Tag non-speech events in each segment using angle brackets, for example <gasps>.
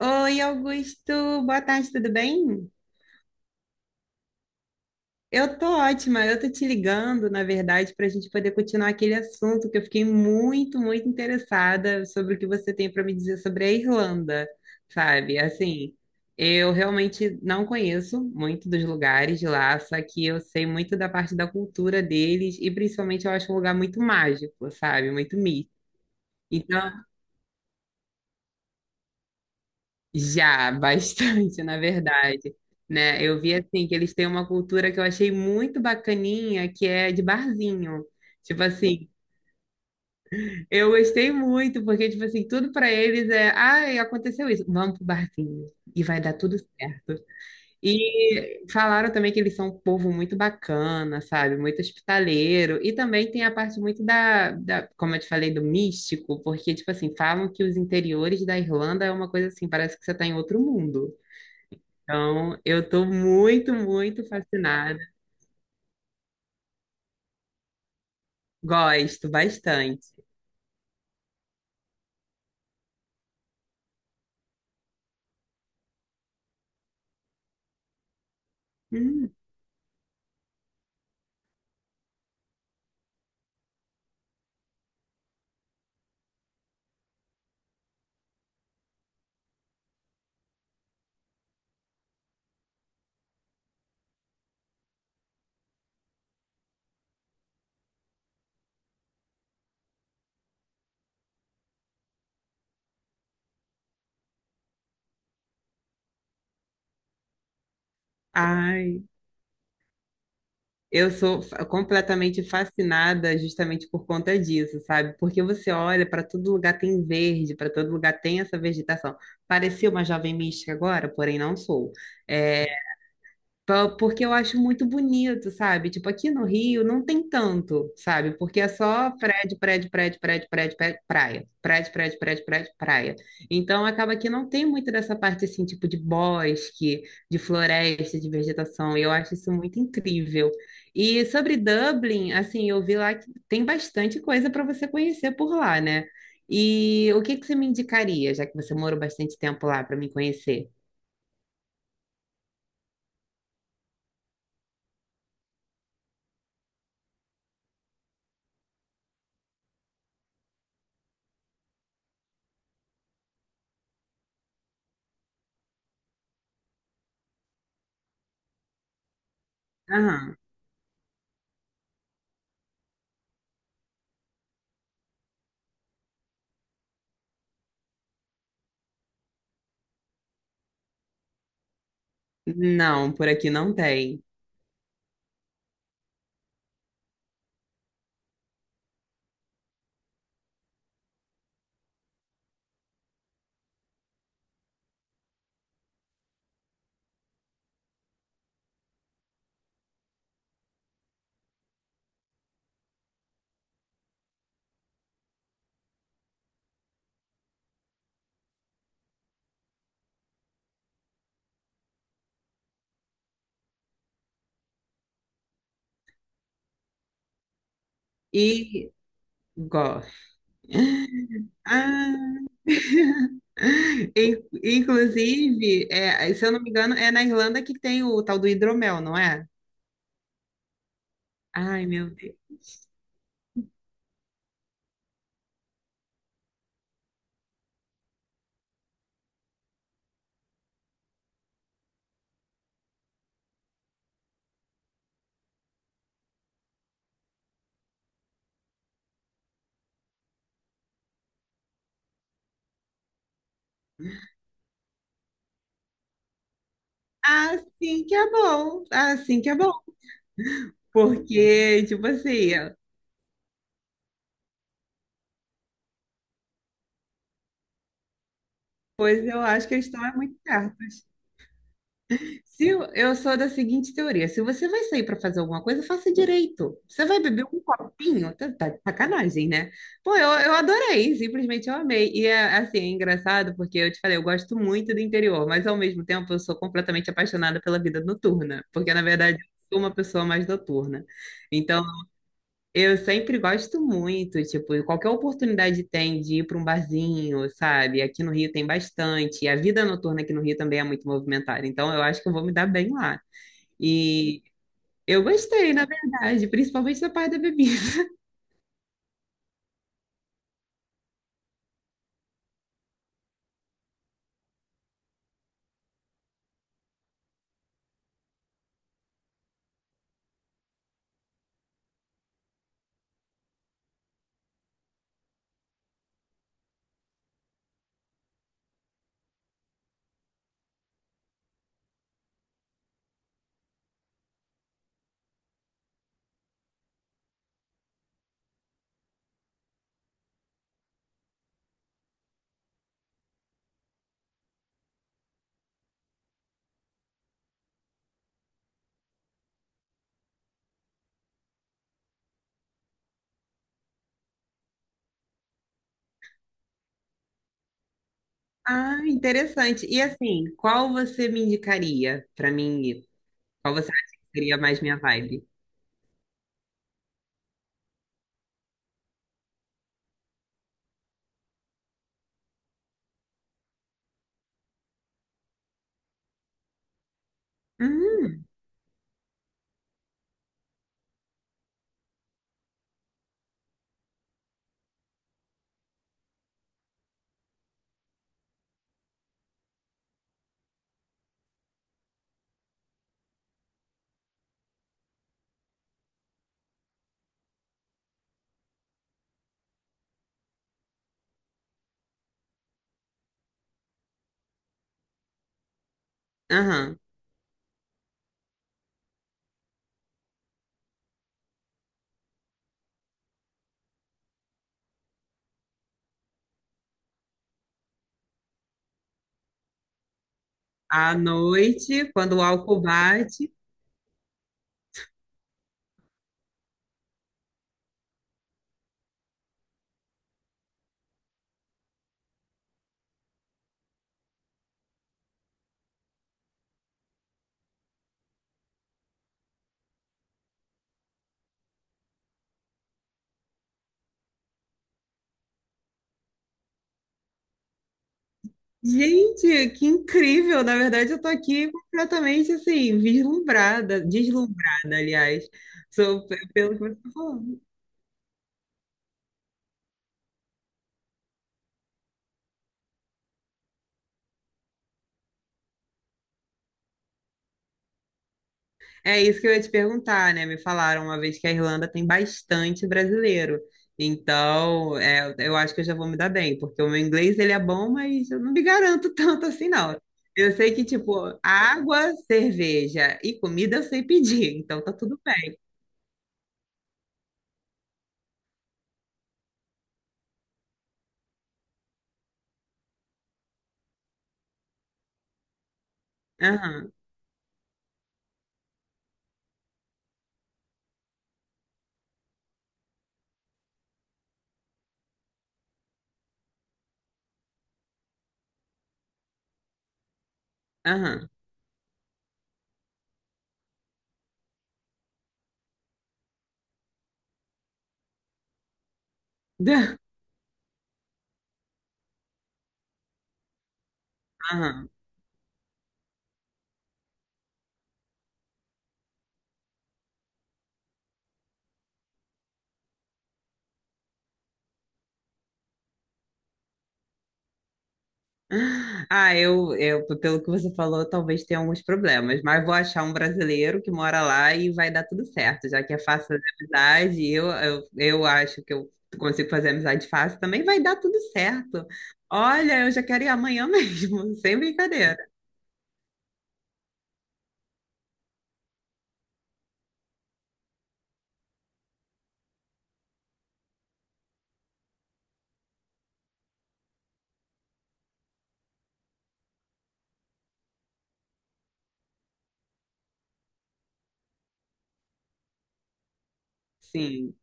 Oi, Augusto, boa tarde, tudo bem? Eu tô ótima, eu tô te ligando, na verdade, para a gente poder continuar aquele assunto que eu fiquei muito, muito interessada sobre o que você tem para me dizer sobre a Irlanda, sabe? Assim, eu realmente não conheço muito dos lugares de lá, só que eu sei muito da parte da cultura deles e principalmente eu acho um lugar muito mágico, sabe? Muito místico. Então, já, bastante, <laughs> na verdade, né? Eu vi assim que eles têm uma cultura que eu achei muito bacaninha, que é de barzinho. Tipo assim, eu gostei muito, porque tipo assim, tudo para eles é, ai, aconteceu isso, vamos pro barzinho e vai dar tudo certo. E falaram também que eles são um povo muito bacana, sabe? Muito hospitaleiro. E também tem a parte muito da, como eu te falei, do místico, porque tipo assim, falam que os interiores da Irlanda é uma coisa assim, parece que você está em outro mundo. Então, eu tô muito, muito fascinada. Gosto bastante. Hum, ai, eu sou completamente fascinada justamente por conta disso, sabe? Porque você olha para todo lugar tem verde, para todo lugar tem essa vegetação. Parecia uma jovem mística agora, porém não sou. É, porque eu acho muito bonito, sabe? Tipo, aqui no Rio não tem tanto, sabe? Porque é só prédio, prédio, prédio, prédio, prédio, prédio, praia. Prédio, prédio, prédio, prédio, praia. Então acaba que não tem muito dessa parte assim, tipo, de bosque, de floresta, de vegetação. E eu acho isso muito incrível. E sobre Dublin, assim, eu vi lá que tem bastante coisa para você conhecer por lá, né? E o que que você me indicaria, já que você morou bastante tempo lá para me conhecer? Aham. Não, por aqui não tem. E gosto. Ah, <laughs> inclusive, é, se eu não me engano, é na Irlanda que tem o tal do hidromel, não é? Ai, meu Deus. Assim que é bom, assim que é bom. Porque, tipo assim, pois eu acho que eles estão é muito certos. Se eu, eu sou da seguinte teoria: se você vai sair para fazer alguma coisa, faça direito. Você vai beber um copinho? Tá, tá de sacanagem, né? Pô, eu adorei, simplesmente eu amei. E é assim, é engraçado porque eu te falei, eu gosto muito do interior, mas ao mesmo tempo eu sou completamente apaixonada pela vida noturna, porque na verdade eu sou uma pessoa mais noturna. Então, eu sempre gosto muito, tipo, qualquer oportunidade tem de ir para um barzinho, sabe? Aqui no Rio tem bastante. E a vida noturna aqui no Rio também é muito movimentada. Então, eu acho que eu vou me dar bem lá. E eu gostei, na verdade, principalmente da parte da bebida. <laughs> Ah, interessante. E assim, qual você me indicaria para mim ir? Qual você acha que seria mais minha vibe? Hum, aham. À noite, quando o álcool bate. Gente, que incrível! Na verdade, eu tô aqui completamente assim, vislumbrada, deslumbrada, aliás, sou pelo que você tá falando. É isso que eu ia te perguntar, né? Me falaram uma vez que a Irlanda tem bastante brasileiro. Então, é, eu acho que eu já vou me dar bem, porque o meu inglês ele é bom, mas eu não me garanto <laughs> tanto assim, não. Eu sei que, tipo, água, cerveja e comida eu sei pedir, então tá tudo bem. Aham, aham, <laughs> aham. Ah, eu, pelo que você falou, talvez tenha alguns problemas, mas vou achar um brasileiro que mora lá e vai dar tudo certo, já que é fácil fazer amizade, eu acho que eu consigo fazer amizade fácil também, vai dar tudo certo. Olha, eu já quero ir amanhã <laughs> mesmo, sem brincadeira. Sim.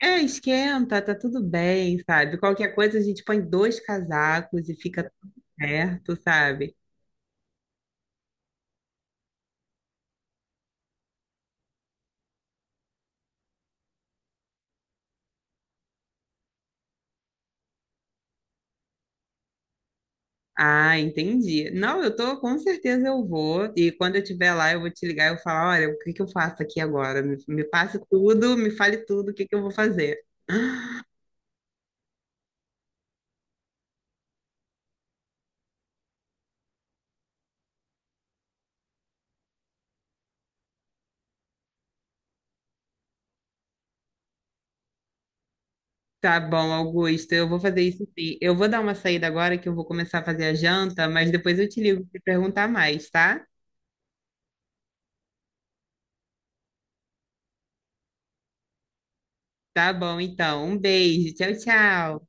É, esquenta, tá tudo bem, sabe? Qualquer coisa a gente põe 2 casacos e fica tudo certo, sabe? Ah, entendi. Não, eu tô, com certeza eu vou. E quando eu estiver lá, eu vou te ligar e eu falar, olha, o que que eu faço aqui agora? Me passe tudo, me fale tudo, o que que eu vou fazer. <gasps> Tá bom, Augusto, eu vou fazer isso sim. Eu vou dar uma saída agora que eu vou começar a fazer a janta, mas depois eu te ligo para perguntar mais, tá? Tá bom, então. Um beijo. Tchau, tchau.